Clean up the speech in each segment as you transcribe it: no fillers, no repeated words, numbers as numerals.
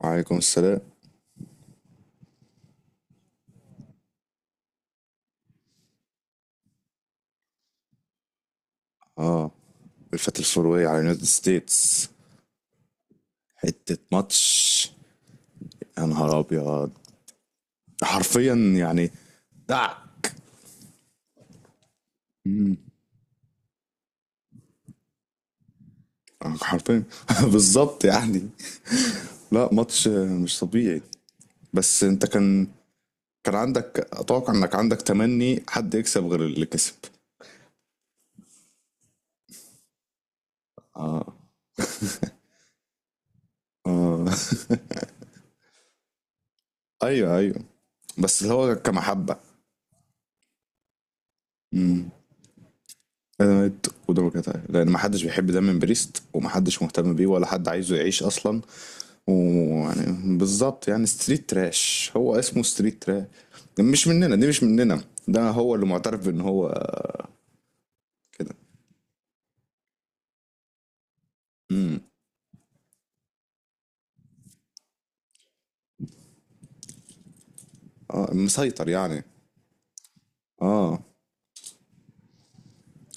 وعليكم السلام. اه، الفتى الفورية على يونايتد ستيتس، حتة ماتش. يا نهار ابيض، حرفيا يعني دعك. آه، حرفيا. بالظبط يعني، لا ماتش مش طبيعي. بس انت كان عندك، اتوقع انك عندك تمني حد يكسب غير اللي كسب. اه. اه ايوه، ايوه. بس اللي هو كمحبة. امم. انا ميت قدامك لان ما حدش بيحب دايما بريست، وما حدش مهتم بيه، ولا حد عايزه يعيش اصلا. ويعني بالظبط يعني، ستريت تراش هو اسمه ستريت تراش. مش مننا، دي مش مننا. ده هو اللي معترف بان هو كده. امم. اه، مسيطر يعني. اه.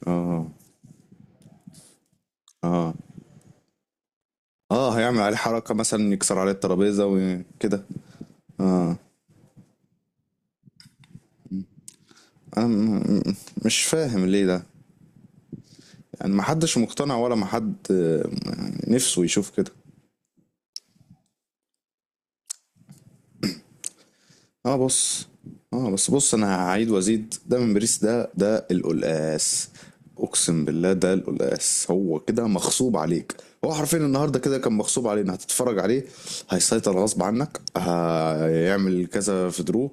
اه. اه. اه. هيعمل عليه حركة، مثلا يكسر عليه الترابيزة وكده. انا م- مش فاهم ليه ده. يعني محدش مقتنع، ولا محد يعني نفسه يشوف كده. اه، بص. اه بس بص، انا هعيد وازيد. ده من باريس، ده القلقاس. اقسم بالله ده القلقاس، هو كده مغصوب عليك. هو حرفيا النهارده كده كان مغصوب علينا هتتفرج عليه. هيسيطر غصب عنك، هيعمل كذا في درو،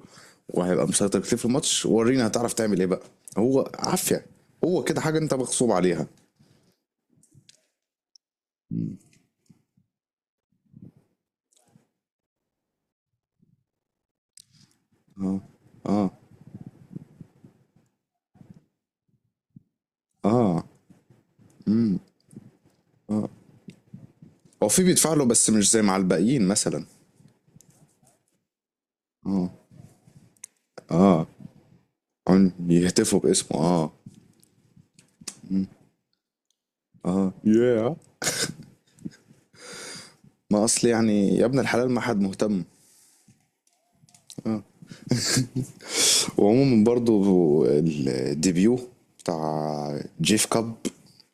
وهيبقى مسيطر كتير في الماتش. ورينا هتعرف تعمل ايه بقى. هو عافية، هو كده حاجة انت مغصوب عليها. اه. اه. اه. هو في بيدفع له، بس مش زي مع الباقيين مثلا. اه. اه. يهتفوا باسمه، اه. اه، ياه. ما اصل يعني، يا ابن الحلال ما حد مهتم. وعموما برضو، الديبيو بتاع جيف كاب،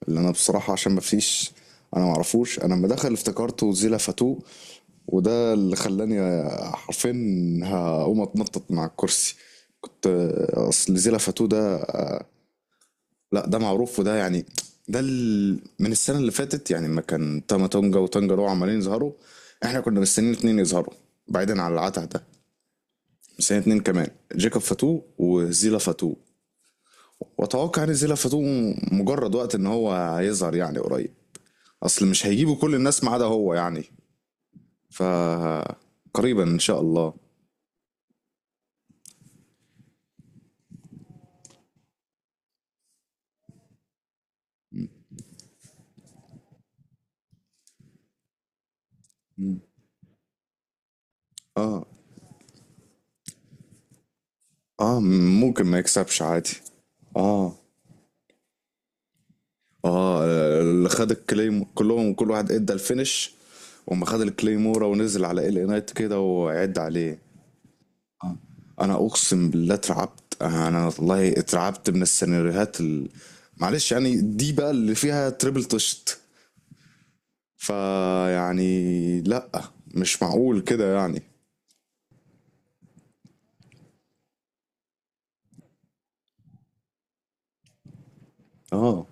اللي انا بصراحة عشان ما فيش، انا معرفوش. انا لما دخل افتكرته زيلا فاتو، وده اللي خلاني حرفيا هقوم اتنطط مع الكرسي كنت. اصل زيلا فاتو ده، لا ده معروف، وده يعني ده من السنة اللي فاتت، يعني ما كان تاما تونجا وتانجا دول عمالين يظهروا. احنا كنا مستنيين اتنين يظهروا بعيدا عن العته ده. سنة اتنين كمان، جيكوب فاتو وزيلا فاتو. واتوقع ان زيلا فاتو مجرد وقت ان هو هيظهر يعني قريب. اصل مش هيجيبوا كل الناس ما عدا هو يعني. ف، قريبا ان شاء الله. اه. اه، ممكن ما يكسبش عادي. اه. اه، اللي خد الكليم كلهم، كل واحد ادى الفينش، وما خد الكليمورا ونزل على ال نايت كده وعد عليه. انا اقسم بالله اترعبت، انا والله اترعبت من السيناريوهات ال... معلش يعني، دي بقى اللي فيها تريبل طشت. فيعني لا، مش معقول كده يعني. اه.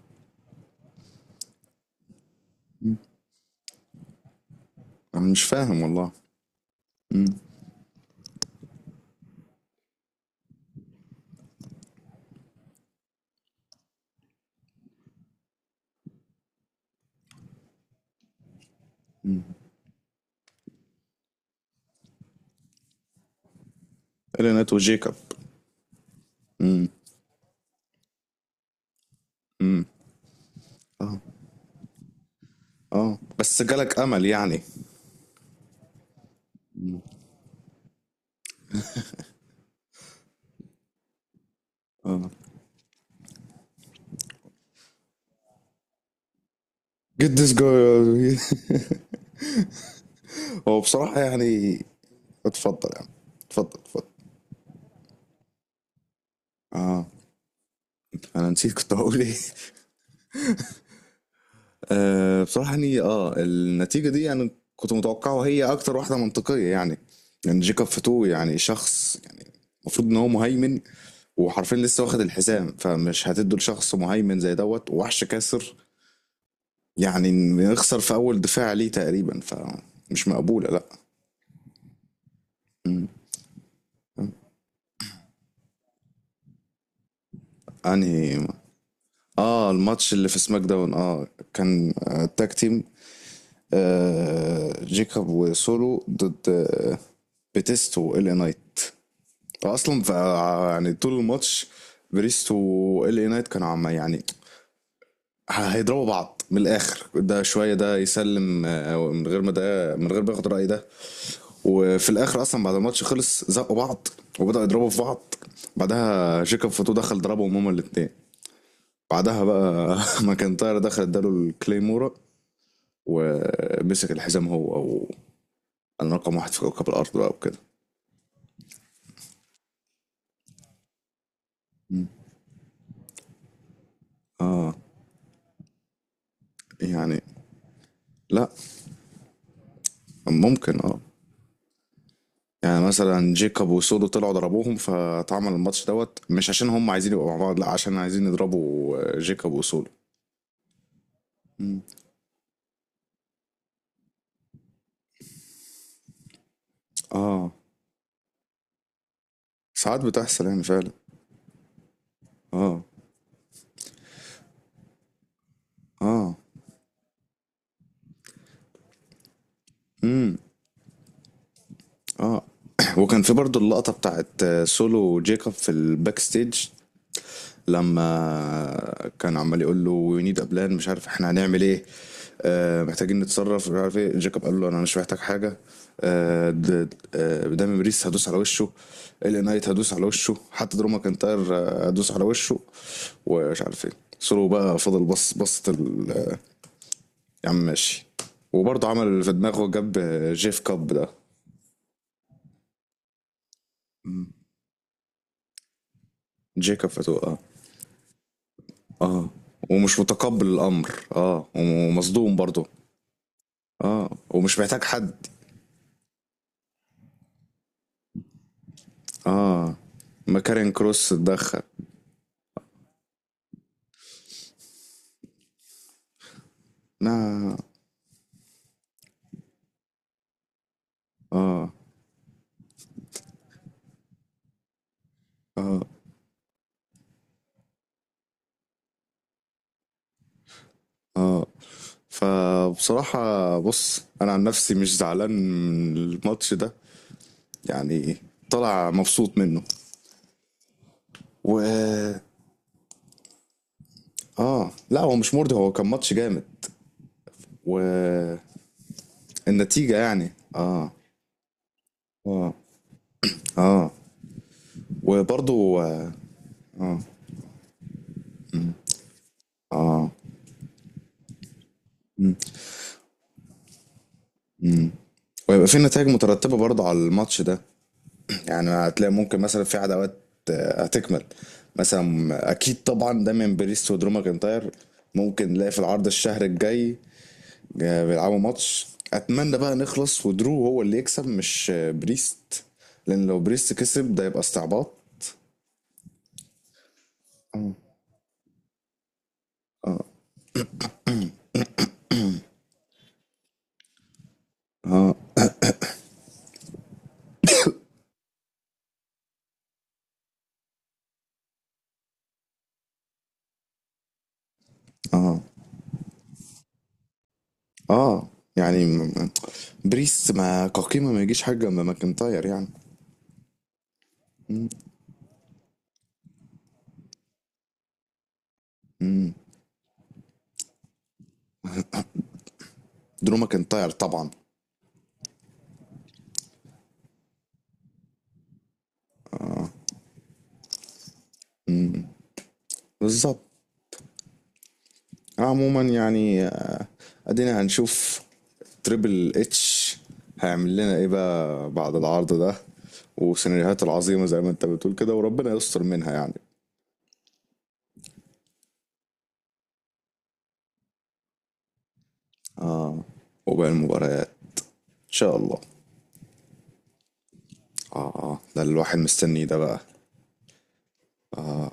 انا مش فاهم والله. امم. الينات وجيكوب. امم. امم. اه. اه، بس جالك امل يعني. مم. اه. get this guy. هو بصراحة يعني اتفضل يعني، اتفضل، اتفضل. اه. انا نسيت كنت هقول ايه. أه بصراحة يعني النتيجة دي يعني كنت متوقعه، وهي أكتر واحدة منطقية يعني. يعني جيكوب فاتو يعني شخص يعني المفروض إن هو مهيمن. وحرفيا لسه واخد الحزام، فمش هتدوا لشخص مهيمن زي دوت ووحش كاسر يعني إن يخسر في أول دفاع ليه تقريبا. فمش مقبولة لأ. مم. أنهي؟ اه، الماتش اللي في سماك داون. اه، كان تاج تيم. جيكوب وسولو ضد بيتيستو ال نايت اصلا. ف، يعني طول الماتش بريست وال اي نايت كانوا عم يعني، هيضربوا بعض من الاخر. ده شويه ده يسلم، من غير ما ياخد راي ده. وفي الاخر اصلا بعد الماتش خلص، زقوا بعض وبداوا يضربوا في بعض. بعدها جيكوب فوتو دخل ضربهم هما الاثنين. بعدها بقى ماكنتاير دخل اداله الكليمورا، ومسك الحزام هو. او انا رقم واحد في كوكب الارض بقى وكده. اه. يعني، لا ممكن اه، يعني مثلا جيكوب وسودو طلعوا ضربوهم، فاتعمل الماتش دوت. مش عشان هم عايزين يبقوا مع بعض، لا عشان عايزين يضربوا جيكوب وسودو. مم. اه، ساعات بتحصل يعني فعلا. اه. اه. امم. اه. وكان في برضو اللقطة بتاعت سولو وجيكوب في الباك ستيج. لما كان عمال يقول له وي نيد ابلان، مش عارف احنا هنعمل ايه. آه، محتاجين نتصرف مش عارف ايه. جاكوب قال له انا مش محتاج حاجه. دامي بريس هدوس على وشه، الي نايت هدوس على وشه، حتى دروما كنتاير هدوس على وشه، ومش عارف ايه. سولو بقى فضل بص، بصت يا عم ماشي. وبرضه عمل اللي في دماغه، جاب جيف كاب ده. جيكاب فتوقع، اه. اه، ومش متقبل الامر. اه، ومصدوم برضه. اه، ومش محتاج حد. اه، ما كارين كروس اتدخل. لا. اه. اه. اه، فبصراحة بص انا عن نفسي مش زعلان من الماتش ده، يعني طلع مبسوط منه. و، اه، لا هو مش مرضي، هو كان ماتش جامد. والنتيجة يعني، اه. اه. اه. وبرضو اه. اه. آه. ويبقى في نتائج مترتبة برضو على الماتش ده. يعني هتلاقي ممكن مثلا في عداوات هتكمل، مثلا اكيد طبعا دايما بريست ودرو ماكنتاير. ممكن نلاقي في العرض الشهر الجاي بيلعبوا ماتش. اتمنى بقى نخلص ودرو هو اللي يكسب، مش بريست. لان لو بريست كسب ده يبقى استعباط. اه. اه. اه. يعني بريست، ما كقيمة ما يجيش حاجة جنب ماكنتاير يعني. مم. مم. درو ماكنتاير طبعا. بالظبط. عموما يعني، ادينا هنشوف تريبل اتش هيعمل لنا ايه بقى بعد العرض ده. وسيناريوهات العظيمة زي ما انت بتقول كده، وربنا يستر منها يعني. اه، وباقي المباريات ان شاء الله. اه. اه، ده اللي الواحد مستنيه ده بقى. اه،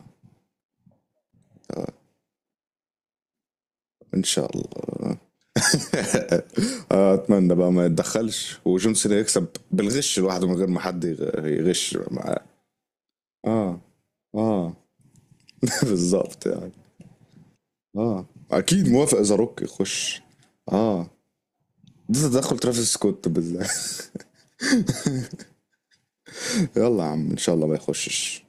ان شاء الله. آه، اتمنى بقى ما يتدخلش وجون سينا يكسب بالغش لوحده من غير ما حد يغش معاه. اه. اه. بالظبط يعني. اه، اكيد موافق زاروك يخش. اه، ده تدخل ترافيس سكوت بالله. يلا يا عم ان شاء الله ما يخشش.